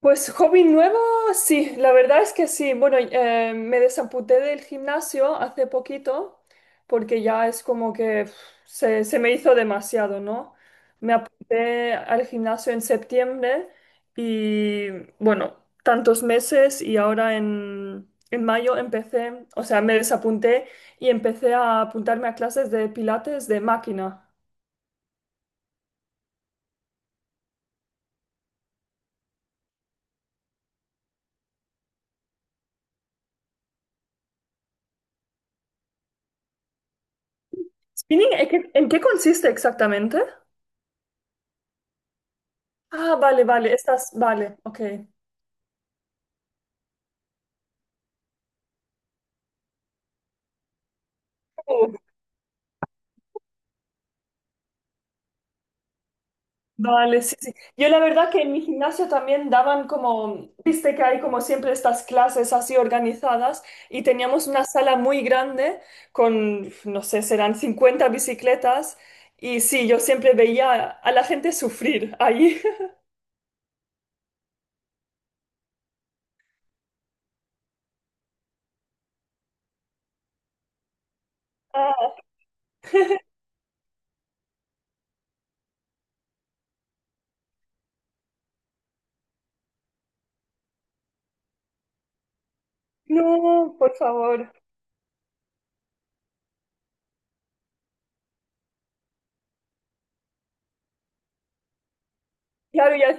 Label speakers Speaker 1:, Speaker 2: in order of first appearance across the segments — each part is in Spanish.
Speaker 1: Pues hobby nuevo, sí, la verdad es que sí. Bueno, me desamputé del gimnasio hace poquito porque ya es como que se me hizo demasiado, ¿no? Me apunté al gimnasio en septiembre y bueno, tantos meses y ahora en mayo empecé, o sea, me desapunté y empecé a apuntarme a clases de pilates de máquina. ¿Spinning? ¿En qué consiste exactamente? Ah, vale, vale, estás, vale, ok. Vale, sí, sí. Yo la verdad que en mi gimnasio también daban como, viste que hay como siempre estas clases así organizadas y teníamos una sala muy grande con, no sé, serán 50 bicicletas y sí, yo siempre veía a la gente sufrir ahí. Ah, no, por favor. Claro, y al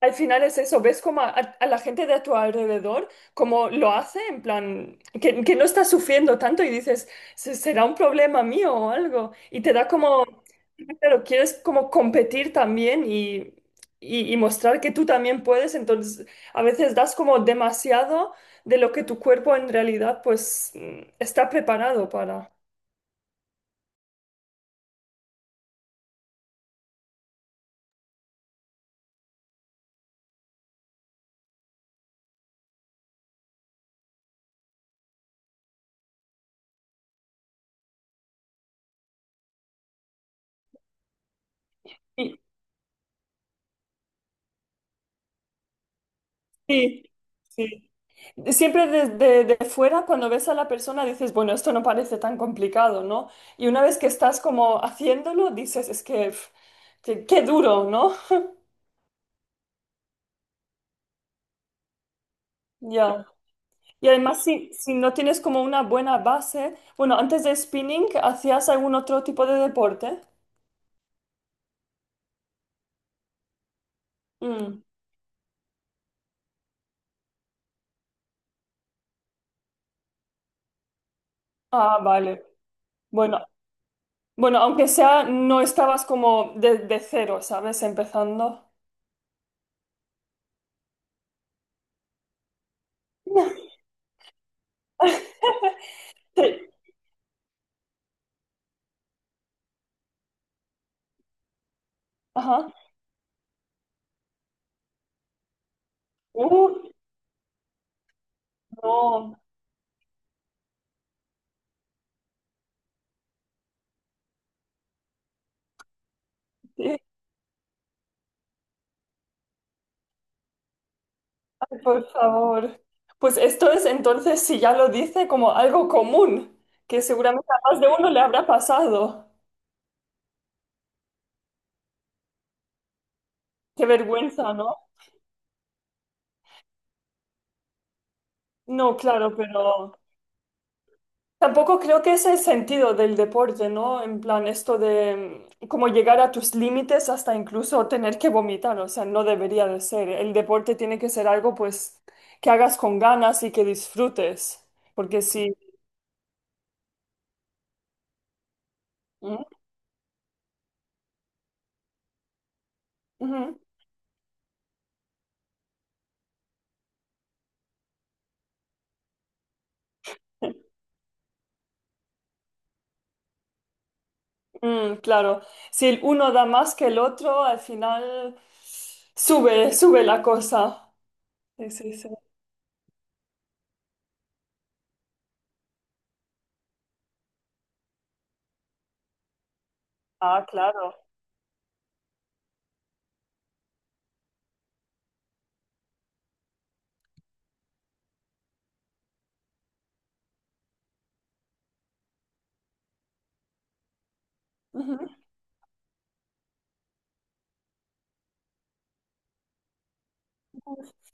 Speaker 1: Al final es eso, ves como a, la gente de a tu alrededor, como lo hace, en plan, que no está sufriendo tanto y dices, Será un problema mío o algo". Y te da como, pero quieres como competir también y mostrar que tú también puedes, entonces a veces das como demasiado de lo que tu cuerpo en realidad pues está preparado para. Y- Sí, sí. Siempre desde de fuera, cuando ves a la persona, dices, bueno, esto no parece tan complicado, ¿no? Y una vez que estás como haciéndolo, dices, es que, pf, qué, qué duro, ¿no? Ya. Y además, si no tienes como una buena base, bueno, antes de spinning, ¿hacías algún otro tipo de deporte? Mm. Ah, vale. Bueno, bueno, aunque sea, no estabas como de cero, ¿sabes? Empezando. Sí. Ajá. Uh, no. Sí. Por favor. Pues esto es entonces, si ya lo dice, como algo común, que seguramente a más de uno le habrá pasado. Qué vergüenza, ¿no? No, claro, pero tampoco creo que es el sentido del deporte, ¿no? En plan, esto de como llegar a tus límites hasta incluso tener que vomitar, o sea, no debería de ser. El deporte tiene que ser algo, pues, que hagas con ganas y que disfrutes, porque si... Ujú, ujú. Claro, si el uno da más que el otro, al final sube, sube la cosa. Sí, sí, sí. Ah, claro. Ujú.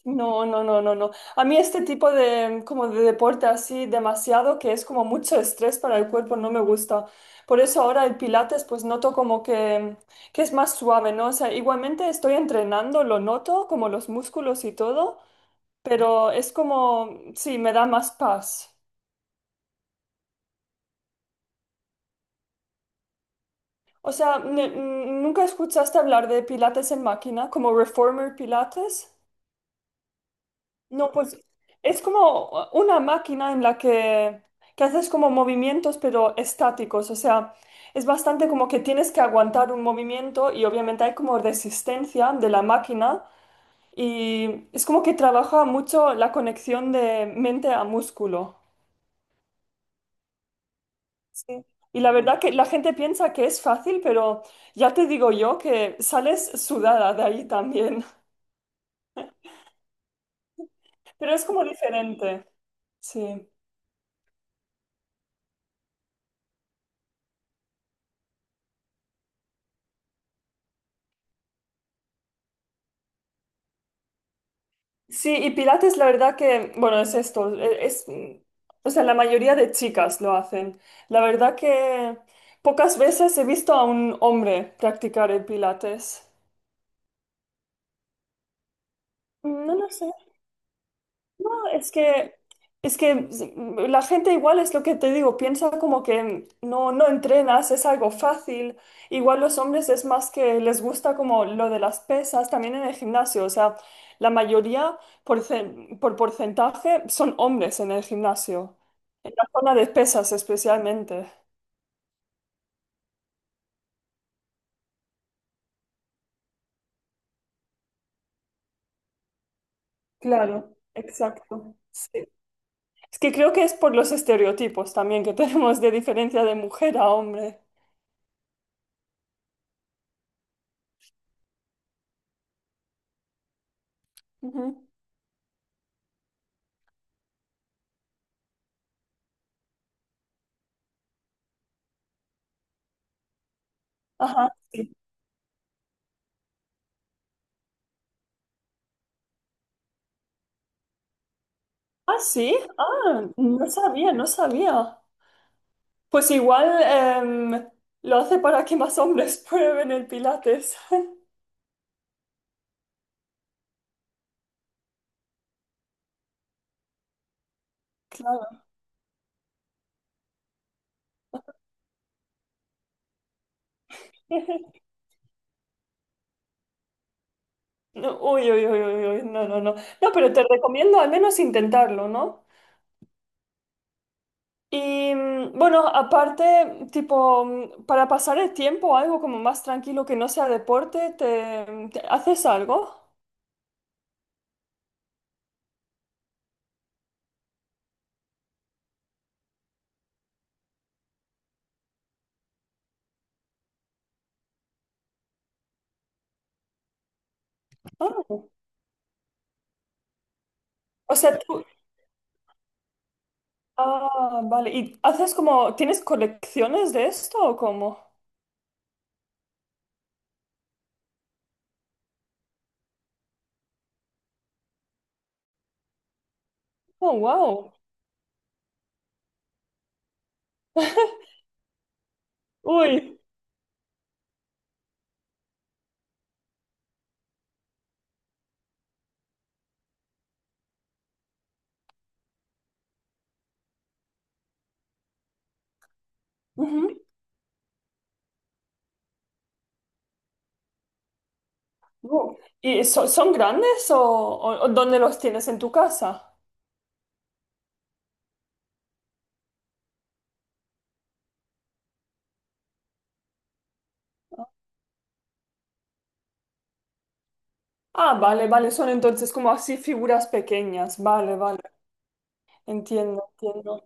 Speaker 1: No, no, no, no, no. A mí este tipo de, como de deporte así demasiado, que es como mucho estrés para el cuerpo, no me gusta. Por eso ahora el pilates, pues noto como que es más suave, ¿no? O sea, igualmente estoy entrenando, lo noto, como los músculos y todo, pero es como, sí, me da más paz. O sea, ¿nunca escuchaste hablar de Pilates en máquina, como Reformer Pilates? No, pues es como una máquina en la que haces como movimientos, pero estáticos. O sea, es bastante como que tienes que aguantar un movimiento y obviamente hay como resistencia de la máquina y es como que trabaja mucho la conexión de mente a músculo. Sí. Y la verdad que la gente piensa que es fácil, pero ya te digo yo que sales sudada de ahí también. Pero es como diferente, sí. Sí, y Pilates la verdad que, bueno, es esto, es, o sea, la mayoría de chicas lo hacen. La verdad que pocas veces he visto a un hombre practicar el Pilates. No lo sé. No, es que, sí, la gente igual es lo que te digo, piensa como que no, no entrenas, es algo fácil. Igual los hombres es más que les gusta como lo de las pesas, también en el gimnasio. O sea, la mayoría por porcentaje son hombres en el gimnasio, en la zona de pesas especialmente. Claro, exacto. Sí. Es que creo que es por los estereotipos también que tenemos de diferencia de mujer a hombre. Ujú. Ajá. Sí. Ah, sí, ah, no sabía, no sabía. Pues igual lo hace para que más hombres prueben el Pilates. Claro. No, uy, uy, uy, uy, uy, no, no, no. No, pero te recomiendo al menos intentarlo, ¿no? Y bueno, aparte, tipo, para pasar el tiempo, algo como más tranquilo que no sea deporte, ¿te, haces algo? Ah, o sea, tú. Ah, vale. ¿Y haces como, tienes colecciones de esto o cómo? Oh, wow. Uy. Ujú. ¿Y son grandes o, o dónde los tienes en tu casa? Ah, vale, vale, son entonces como así figuras pequeñas. Vale, vale, entiendo, entiendo.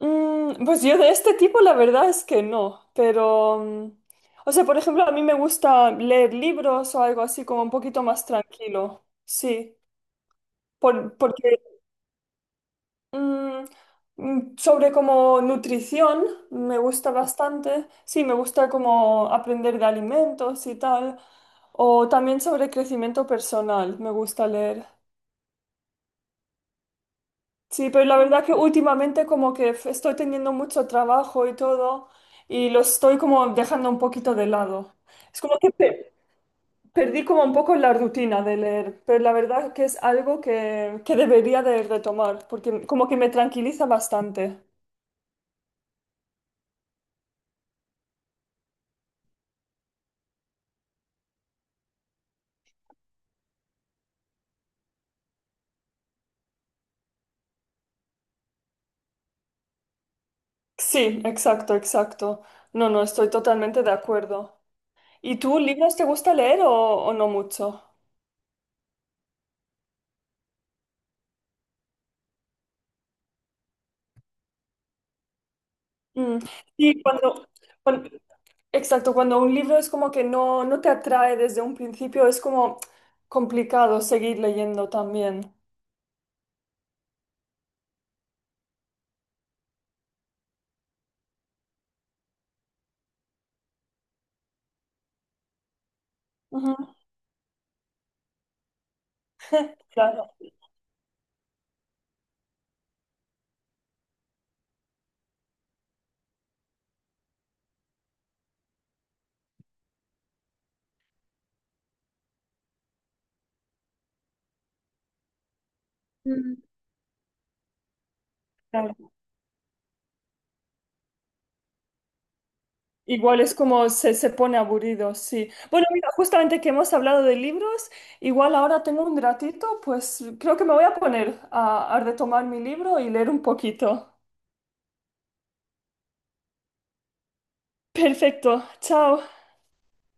Speaker 1: Pues yo de este tipo la verdad es que no, pero... o sea, por ejemplo, a mí me gusta leer libros o algo así como un poquito más tranquilo. Sí, porque Mm, sobre como nutrición, me gusta bastante. Sí, me gusta como aprender de alimentos y tal. O también sobre crecimiento personal, me gusta leer. Sí, pero la verdad que últimamente como que estoy teniendo mucho trabajo y todo y lo estoy como dejando un poquito de lado. Es como que perdí como un poco la rutina de leer, pero la verdad que es algo que, debería de retomar porque como que me tranquiliza bastante. Sí, exacto, exacto. No, no, estoy totalmente de acuerdo. ¿Y tú, libros te gusta leer o no mucho? Mm, Sí, cuan- exacto, cuando un libro es como que no, no te atrae desde un principio, es como complicado seguir leyendo también. Ujú, claro. Mm. Claro. Igual es como se pone aburrido, sí. Bueno, mira, justamente que hemos hablado de libros, igual ahora tengo un ratito, pues creo que me voy a poner a, retomar mi libro y leer un poquito. Perfecto, chao.